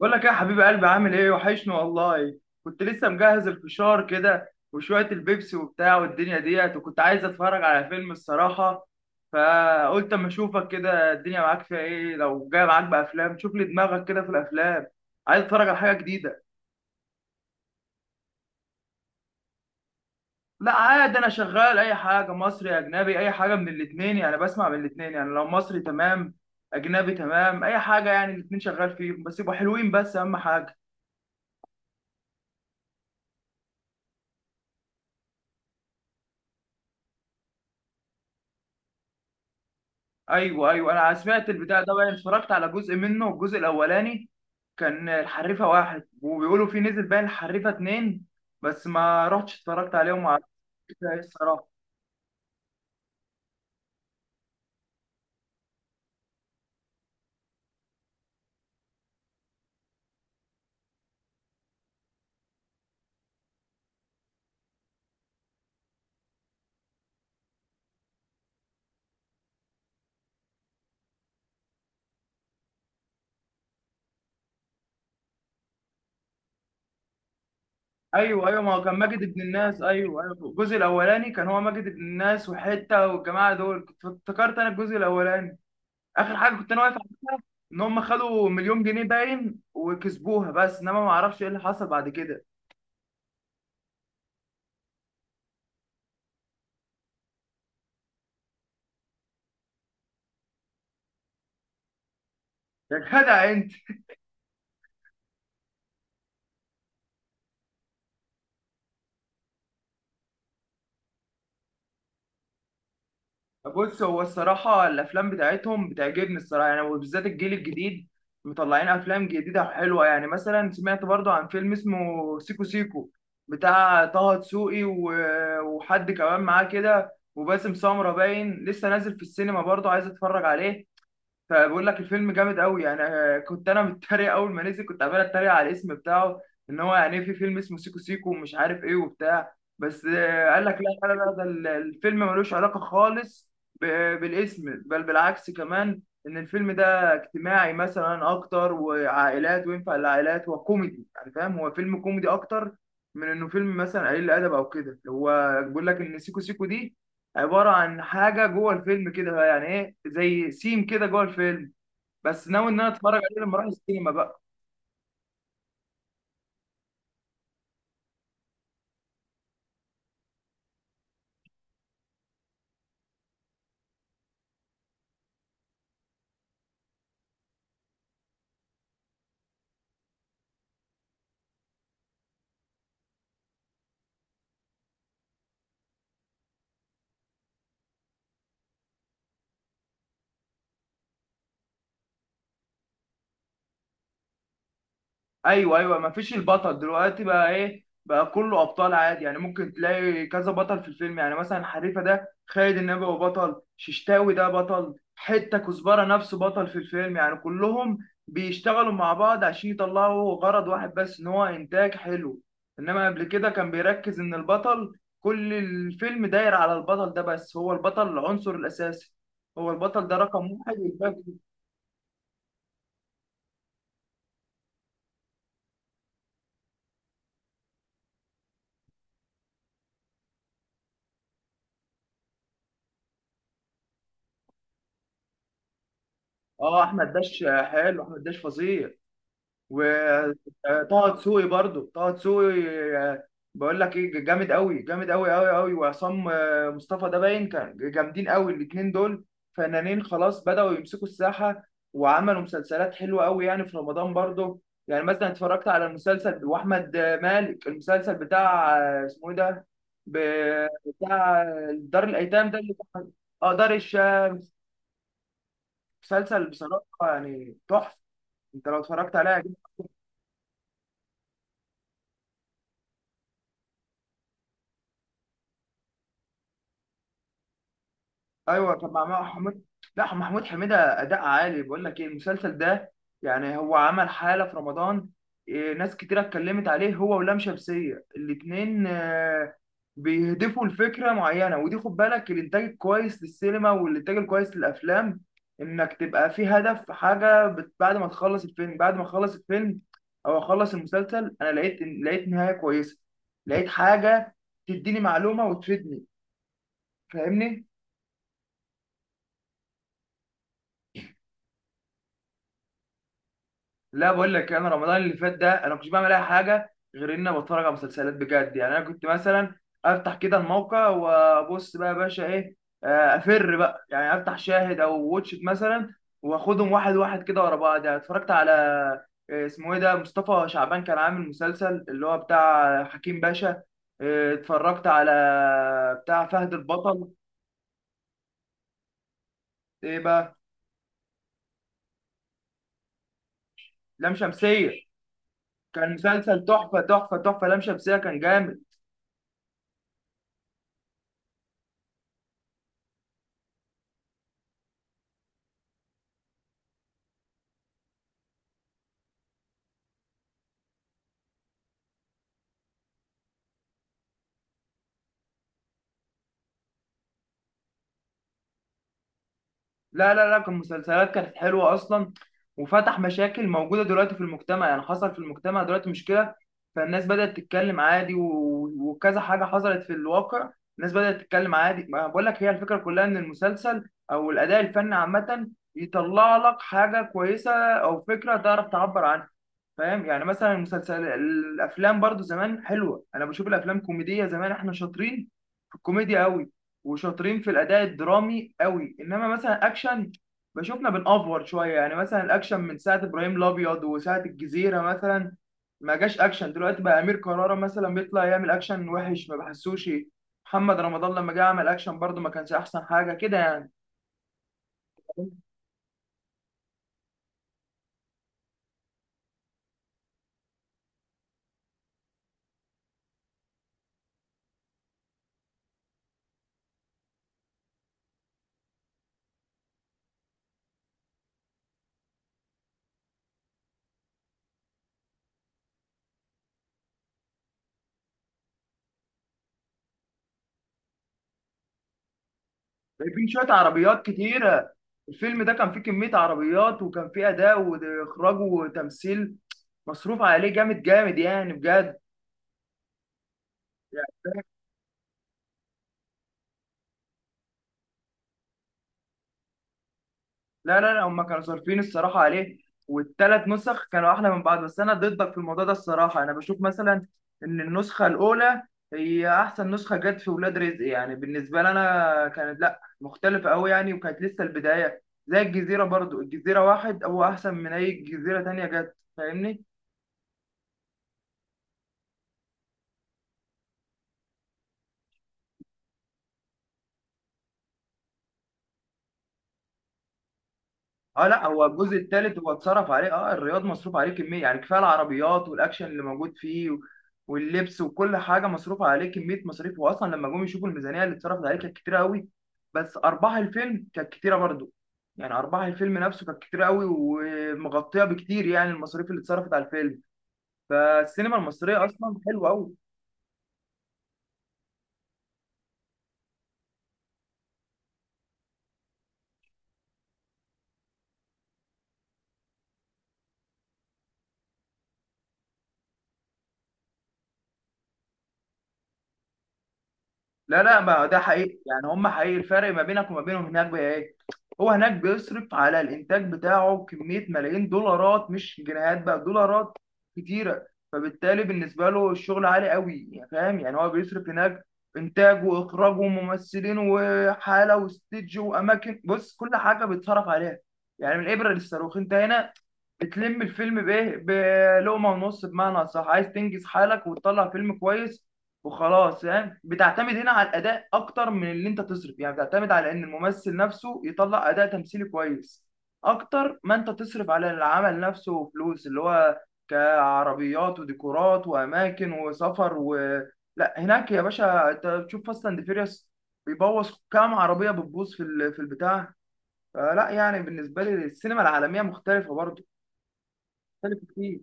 بقول لك إيه يا حبيب قلبي، عامل ايه؟ وحشني والله. كنت لسه مجهز الفشار كده وشوية البيبسي وبتاع والدنيا ديت، وكنت عايز اتفرج على فيلم الصراحة. فقلت اما اشوفك كده الدنيا معاك فيها ايه، لو جاي معاك بافلام شوف لي دماغك كده في الافلام. عايز اتفرج على حاجة جديدة. لا عادي، انا شغال اي حاجة مصري اجنبي، اي حاجة من الاتنين، يعني بسمع من الاتنين، يعني لو مصري تمام، اجنبي تمام، اي حاجة يعني الاتنين شغال فيهم بس يبقوا حلوين، بس اهم حاجة. ايوه ايوه، انا سمعت البتاع ده بقى، اتفرجت على جزء منه الجزء الاولاني. كان الحريفه واحد، وبيقولوا في نزل بقى الحريفه اتنين، بس ما رحتش اتفرجت عليهم وما عرفتش. ايه الصراحه. ايوه ايوه، ما هو كان ماجد ابن الناس، ايوه ايوه الجزء الاولاني كان هو ماجد ابن الناس وحته، والجماعه دول كنت افتكرت انا الجزء الاولاني. اخر حاجه كنت انا واقف على ان هم خدوا 1,000,000 جنيه باين وكسبوها، بس انما ما اعرفش ايه اللي حصل بعد كده. يا جدع. بص هو الصراحة الأفلام بتاعتهم بتعجبني الصراحة، يعني وبالذات الجيل الجديد مطلعين أفلام جديدة حلوة، يعني مثلا سمعت برضو عن فيلم اسمه سيكو سيكو بتاع طه دسوقي وحد كمان معاه كده، وباسم سمرة باين لسه نازل في السينما برضو، عايز أتفرج عليه. فبقول لك الفيلم جامد قوي يعني، كنت انا متريق اول ما نزل، كنت عمال اتريق على الاسم بتاعه، ان هو يعني إيه في فيلم اسمه سيكو سيكو ومش عارف ايه وبتاع، بس قال لك لا لا لا، ده الفيلم ملوش علاقة خالص ب- بالاسم، بل بالعكس كمان، ان الفيلم ده اجتماعي مثلا اكتر وعائلات وينفع للعائلات وكوميدي يعني، فاهم هو فيلم كوميدي اكتر من انه فيلم مثلا قليل الادب او كده، هو بيقول لك ان سيكو سيكو دي عباره عن حاجه جوه الفيلم كده، يعني ايه زي سيم كده جوه الفيلم، بس ناوي ان انا اتفرج عليه لما اروح السينما بقى. ايوه ايوه، ما فيش البطل دلوقتي بقى، ايه بقى كله ابطال عادي، يعني ممكن تلاقي كذا بطل في الفيلم، يعني مثلا حريفه ده خالد النبوي هو بطل، ششتاوي ده بطل حته، كزبره نفسه بطل في الفيلم، يعني كلهم بيشتغلوا مع بعض عشان يطلعوا غرض واحد، بس ان هو انتاج حلو. انما قبل كده كان بيركز ان البطل كل الفيلم داير على البطل ده، بس هو البطل العنصر الاساسي، هو البطل ده رقم واحد والباقي. اه احمد داش. حلو احمد داش فظيع. وطه دسوقي برضو طه دسوقي. آه، بقول لك ايه جامد قوي جامد قوي قوي قوي، وعصام مصطفى ده باين كان جامدين قوي الاثنين دول، فنانين خلاص بدأوا يمسكوا الساحة، وعملوا مسلسلات حلوة قوي يعني في رمضان برضو. يعني مثلا اتفرجت على المسلسل واحمد مالك، المسلسل بتاع اسمه ايه ده، بتاع دار الايتام ده اللي، اه دار الشام. مسلسل بصراحة يعني تحفة، انت لو اتفرجت عليها. ايوه طب مع محمود، لا محمود حميده اداء عالي، بقول لك ايه المسلسل ده، يعني هو عمل حاله في رمضان. ناس كتيره اتكلمت عليه هو ولام شمسيه الاتنين، بيهدفوا لفكره معينه، ودي خد بالك الانتاج الكويس للسينما والانتاج الكويس للافلام، انك تبقى في هدف حاجه بعد ما تخلص الفيلم، بعد ما اخلص الفيلم او اخلص المسلسل انا لقيت نهايه كويسه، لقيت حاجه تديني معلومه وتفيدني، فاهمني. لا بقول لك انا رمضان اللي فات ده، انا ما كنتش بعمل اي حاجه غير ان أنا بتفرج على مسلسلات بجد، يعني انا كنت مثلا افتح كده الموقع وابص بقى يا باشا ايه، افر بقى يعني افتح شاهد او واتش إت مثلا، واخدهم واحد واحد كده ورا بعض، يعني اتفرجت على اسمه ايه ده، مصطفى شعبان كان عامل مسلسل اللي هو بتاع حكيم باشا، اتفرجت على بتاع فهد البطل. ايه بقى؟ لام شمسية. كان مسلسل تحفة تحفة تحفة، لام شمسية كان جامد. لا لا لا كان مسلسلات كانت حلوة أصلا، وفتح مشاكل موجودة دلوقتي في المجتمع، يعني حصل في المجتمع دلوقتي مشكلة، فالناس بدأت تتكلم عادي وكذا حاجة حصلت في الواقع، الناس بدأت تتكلم عادي، ما بقول لك هي الفكرة كلها إن المسلسل أو الأداء الفني عامة يطلع لك حاجة كويسة أو فكرة تعرف تعبر عنها، فاهم؟ يعني مثلا المسلسل الافلام برضو زمان حلوه، انا بشوف الافلام كوميديه زمان احنا شاطرين في الكوميديا قوي، وشاطرين في الاداء الدرامي قوي، انما مثلا اكشن بشوفنا بنأفور شويه، يعني مثلا الاكشن من ساعه ابراهيم الابيض وساعه الجزيره مثلا ما جاش اكشن دلوقتي بقى، امير كرارة مثلا بيطلع يعمل اكشن وحش ما بحسوش، محمد رمضان لما جه عمل اكشن برضو ما كانش احسن حاجه كده يعني. في شويه عربيات كتيره، الفيلم ده كان فيه كميه عربيات، وكان فيه اداء واخراج وتمثيل مصروف عليه جامد جامد يعني بجد. يعني لا لا لا، هم كانوا صارفين الصراحه عليه، والثلاث نسخ كانوا احلى من بعض، بس انا ضدك في الموضوع ده الصراحه، انا بشوف مثلا ان النسخه الاولى هي احسن نسخه جت في ولاد رزق، يعني بالنسبه لي انا كانت لا مختلفه قوي يعني، وكانت لسه البدايه، زي الجزيره برضو، الجزيره واحد هو احسن من اي جزيره تانية جت، فاهمني. اه لا هو الجزء الثالث هو اتصرف عليه، اه الرياض مصروف عليه كميه يعني كفايه، العربيات والاكشن اللي موجود فيه واللبس وكل حاجه مصروف عليه كميه مصاريف، واصلا لما جم يشوفوا الميزانيه اللي اتصرفت عليه كانت كتيره قوي، بس ارباح الفيلم كانت كتيره برضو، يعني ارباح الفيلم نفسه كانت كتيره قوي ومغطيه بكتير يعني المصاريف اللي اتصرفت على الفيلم، فالسينما المصريه اصلا حلوه قوي. لا لا ما ده حقيقي يعني، هم حقيقي، الفرق ما بينك وما بينهم هناك بقى ايه، هو هناك بيصرف على الانتاج بتاعه كميه ملايين دولارات مش جنيهات بقى، دولارات كتيره، فبالتالي بالنسبه له الشغل عالي قوي يعني، فاهم يعني هو بيصرف هناك انتاج واخراج وممثلين وحاله واستديو واماكن، بص كل حاجه بيتصرف عليها، يعني من الابره للصاروخ. انت هنا بتلم الفيلم بايه، بلقمه ونص بمعنى صح، عايز تنجز حالك وتطلع فيلم كويس وخلاص، يعني بتعتمد هنا على الاداء اكتر من اللي انت تصرف، يعني بتعتمد على ان الممثل نفسه يطلع اداء تمثيلي كويس اكتر ما انت تصرف على العمل نفسه، وفلوس اللي هو كعربيات وديكورات واماكن وسفر و، لا هناك يا باشا انت بتشوف فاست اند فيريوس بيبوظ كام عربيه، بتبوظ في البتاع، فلا يعني بالنسبه لي السينما العالميه مختلفه برضه، مختلف كتير.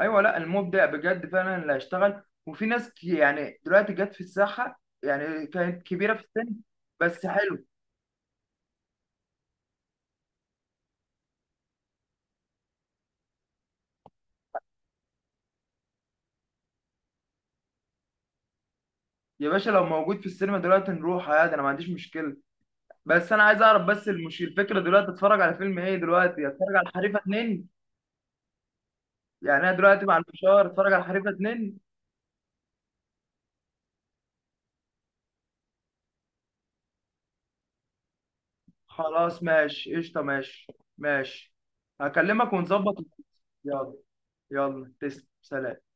ايوه لا المبدع بجد فعلا اللي هيشتغل، وفي ناس يعني دلوقتي جت في الساحه يعني كانت كبيره في السن، بس حلو. يا باشا لو موجود في السينما دلوقتي نروح عادي، انا ما عنديش مشكله، بس انا عايز اعرف، بس المش الفكره دلوقتي اتفرج على فيلم ايه، دلوقتي اتفرج على الحريفه اتنين، يعني انا دلوقتي مع الفشار اتفرج على الحريفه اتنين. خلاص ماشي قشطه، ماشي، ماشي، هكلمك ونظبط. يلا. يلا تسلم، سلام.